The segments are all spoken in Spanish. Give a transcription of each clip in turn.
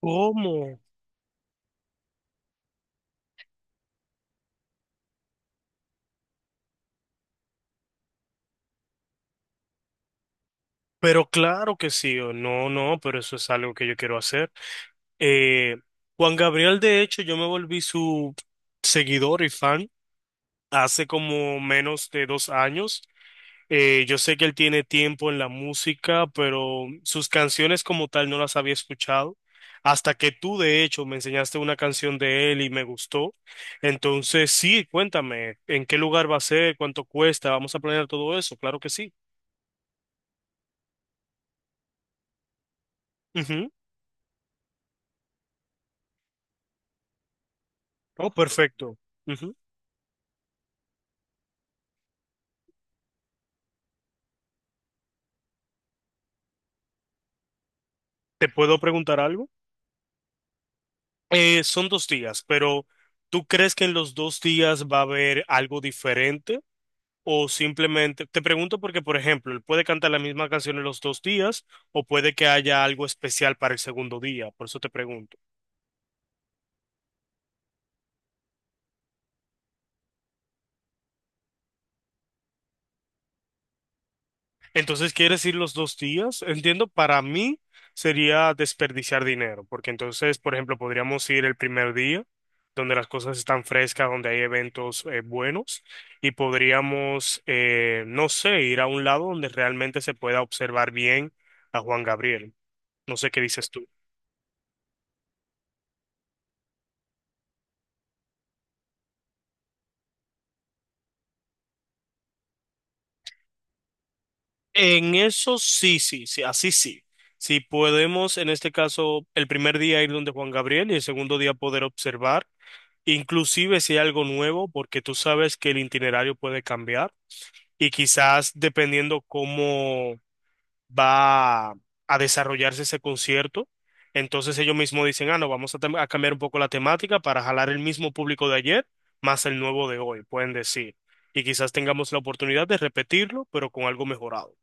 ¿Cómo? Pero claro que sí, o no, no, pero eso es algo que yo quiero hacer. Eh, Juan Gabriel, de hecho, yo me volví su seguidor y fan hace como menos de 2 años. Yo sé que él tiene tiempo en la música, pero sus canciones como tal no las había escuchado. Hasta que tú, de hecho, me enseñaste una canción de él y me gustó. Entonces, sí, cuéntame, ¿en qué lugar va a ser? ¿Cuánto cuesta? ¿Vamos a planear todo eso? Claro que sí. Oh, perfecto. Ujú. ¿Te puedo preguntar algo? Son 2 días, pero ¿tú crees que en los 2 días va a haber algo diferente? O simplemente, te pregunto porque, por ejemplo, él puede cantar la misma canción en los 2 días o puede que haya algo especial para el segundo día, por eso te pregunto. Entonces, ¿quieres ir los 2 días? Entiendo, para mí sería desperdiciar dinero, porque entonces, por ejemplo, podríamos ir el primer día, donde las cosas están frescas, donde hay eventos buenos, y podríamos, no sé, ir a un lado donde realmente se pueda observar bien a Juan Gabriel. No sé qué dices tú. En eso sí, sí, sí, así sí. Si podemos, en este caso, el primer día ir donde Juan Gabriel y el segundo día poder observar, inclusive si hay algo nuevo, porque tú sabes que el itinerario puede cambiar y quizás dependiendo cómo va a desarrollarse ese concierto, entonces ellos mismos dicen, ah, no, vamos a, a cambiar un poco la temática para jalar el mismo público de ayer más el nuevo de hoy, pueden decir. Y quizás tengamos la oportunidad de repetirlo, pero con algo mejorado.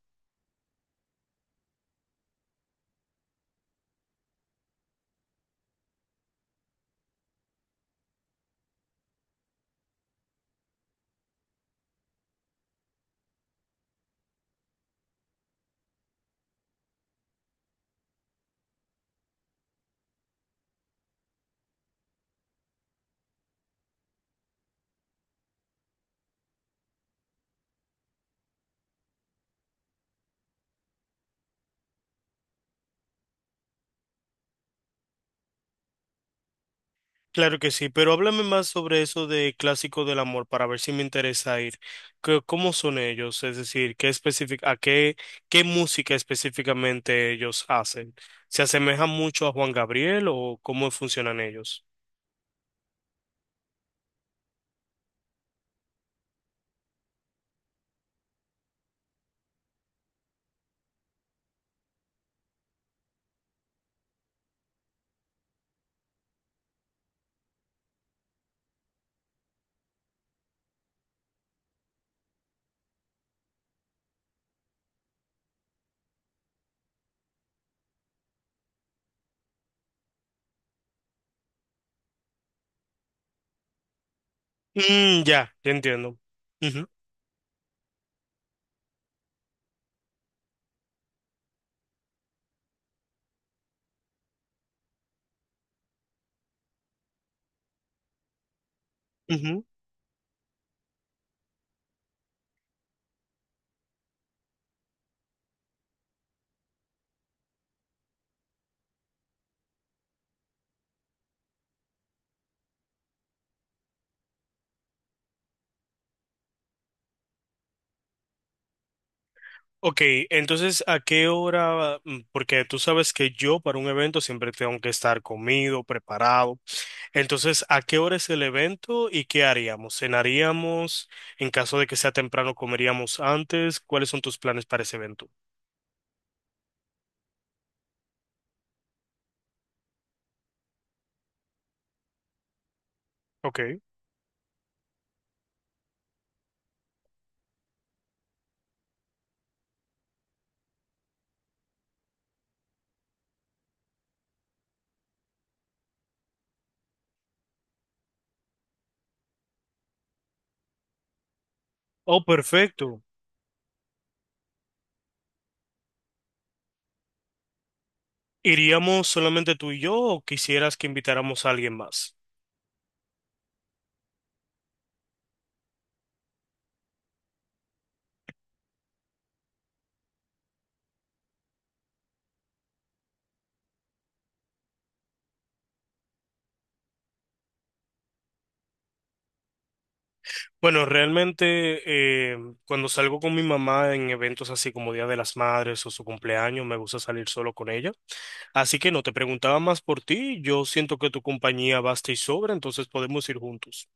Claro que sí, pero háblame más sobre eso de Clásico del Amor para ver si me interesa ir. ¿Cómo son ellos? Es decir, a qué, qué música específicamente ellos hacen? ¿Se asemeja mucho a Juan Gabriel o cómo funcionan ellos? Ya, ya entiendo. Ujú, ujú. Ok, entonces, ¿a qué hora? Porque tú sabes que yo para un evento siempre tengo que estar comido, preparado. Entonces, ¿a qué hora es el evento y qué haríamos? ¿Cenaríamos? En caso de que sea temprano, ¿comeríamos antes? ¿Cuáles son tus planes para ese evento? Ok. Oh, perfecto. ¿Iríamos solamente tú y yo o quisieras que invitáramos a alguien más? Bueno, realmente cuando salgo con mi mamá en eventos así como Día de las Madres o su cumpleaños, me gusta salir solo con ella. Así que no, te preguntaba más por ti. Yo siento que tu compañía basta y sobra, entonces podemos ir juntos.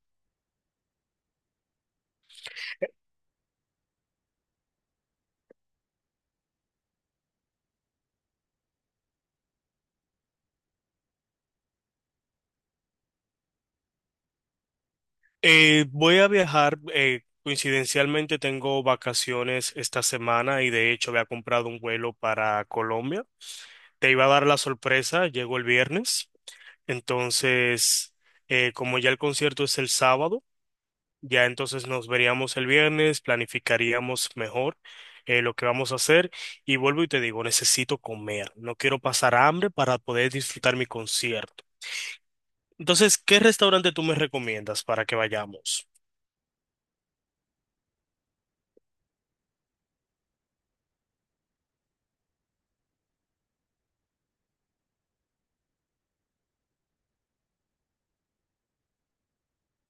Voy a viajar, coincidencialmente tengo vacaciones esta semana y de hecho había comprado un vuelo para Colombia. Te iba a dar la sorpresa, llego el viernes, entonces como ya el concierto es el sábado, ya entonces nos veríamos el viernes, planificaríamos mejor lo que vamos a hacer y vuelvo y te digo, necesito comer, no quiero pasar hambre para poder disfrutar mi concierto. Entonces, ¿qué restaurante tú me recomiendas para que vayamos?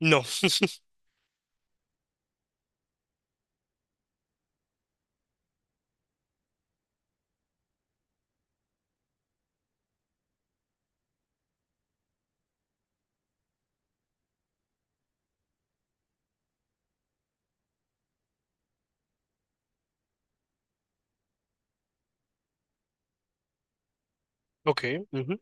No, ok. Ujú.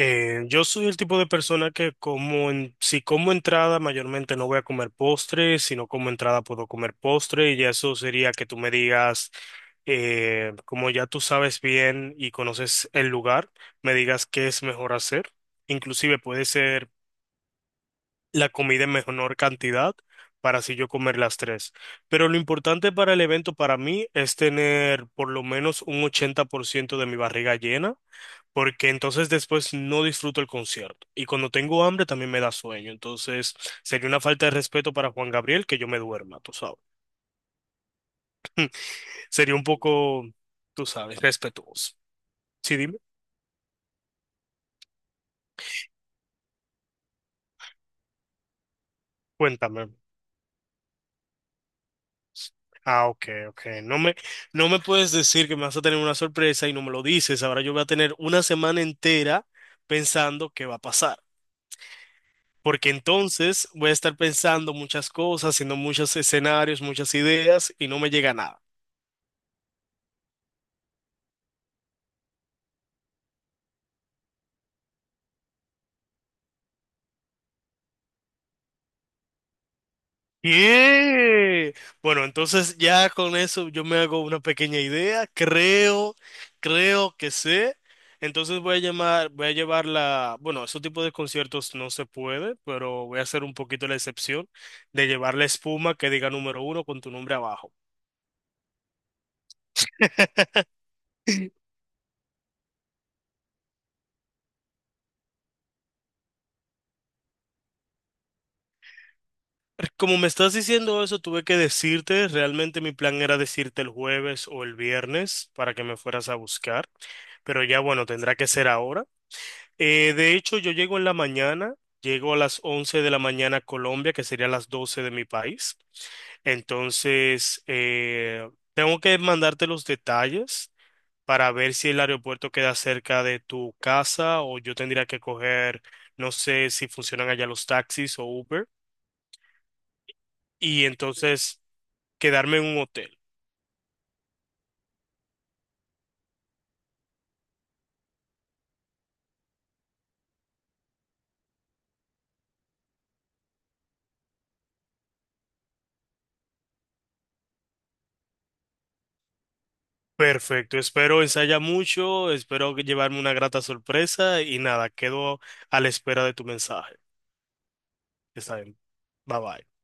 Yo soy el tipo de persona que como si como entrada mayormente no voy a comer postre, si no como entrada puedo comer postre y ya eso sería que tú me digas, como ya tú sabes bien y conoces el lugar, me digas qué es mejor hacer. Inclusive puede ser la comida en menor cantidad para así yo comer las tres. Pero lo importante para el evento para mí es tener por lo menos un 80% de mi barriga llena porque entonces después no disfruto el concierto. Y cuando tengo hambre también me da sueño. Entonces sería una falta de respeto para Juan Gabriel que yo me duerma, tú sabes. Sería un poco, tú sabes, respetuoso. Sí, dime, cuéntame. Ah, ok, ok. No me puedes decir que me vas a tener una sorpresa y no me lo dices. Ahora yo voy a tener una semana entera pensando qué va a pasar. Porque entonces voy a estar pensando muchas cosas, haciendo muchos escenarios, muchas ideas y no me llega nada. Bien. Bueno, entonces ya con eso yo me hago una pequeña idea. Creo, creo que sé. Entonces voy a llamar, voy a llevar la, bueno, ese tipo de conciertos no se puede, pero voy a hacer un poquito la excepción de llevar la espuma que diga número uno con tu nombre abajo. Como me estás diciendo eso, tuve que decirte, realmente mi plan era decirte el jueves o el viernes para que me fueras a buscar, pero ya bueno, tendrá que ser ahora. De hecho, yo llego en la mañana, llego a las 11 de la mañana a Colombia, que sería las 12 de mi país. Entonces, tengo que mandarte los detalles para ver si el aeropuerto queda cerca de tu casa o yo tendría que coger, no sé si funcionan allá los taxis o Uber, y entonces quedarme en un hotel. Perfecto, espero ensaya mucho, espero que llevarme una grata sorpresa y nada, quedo a la espera de tu mensaje. Está bien, bye bye.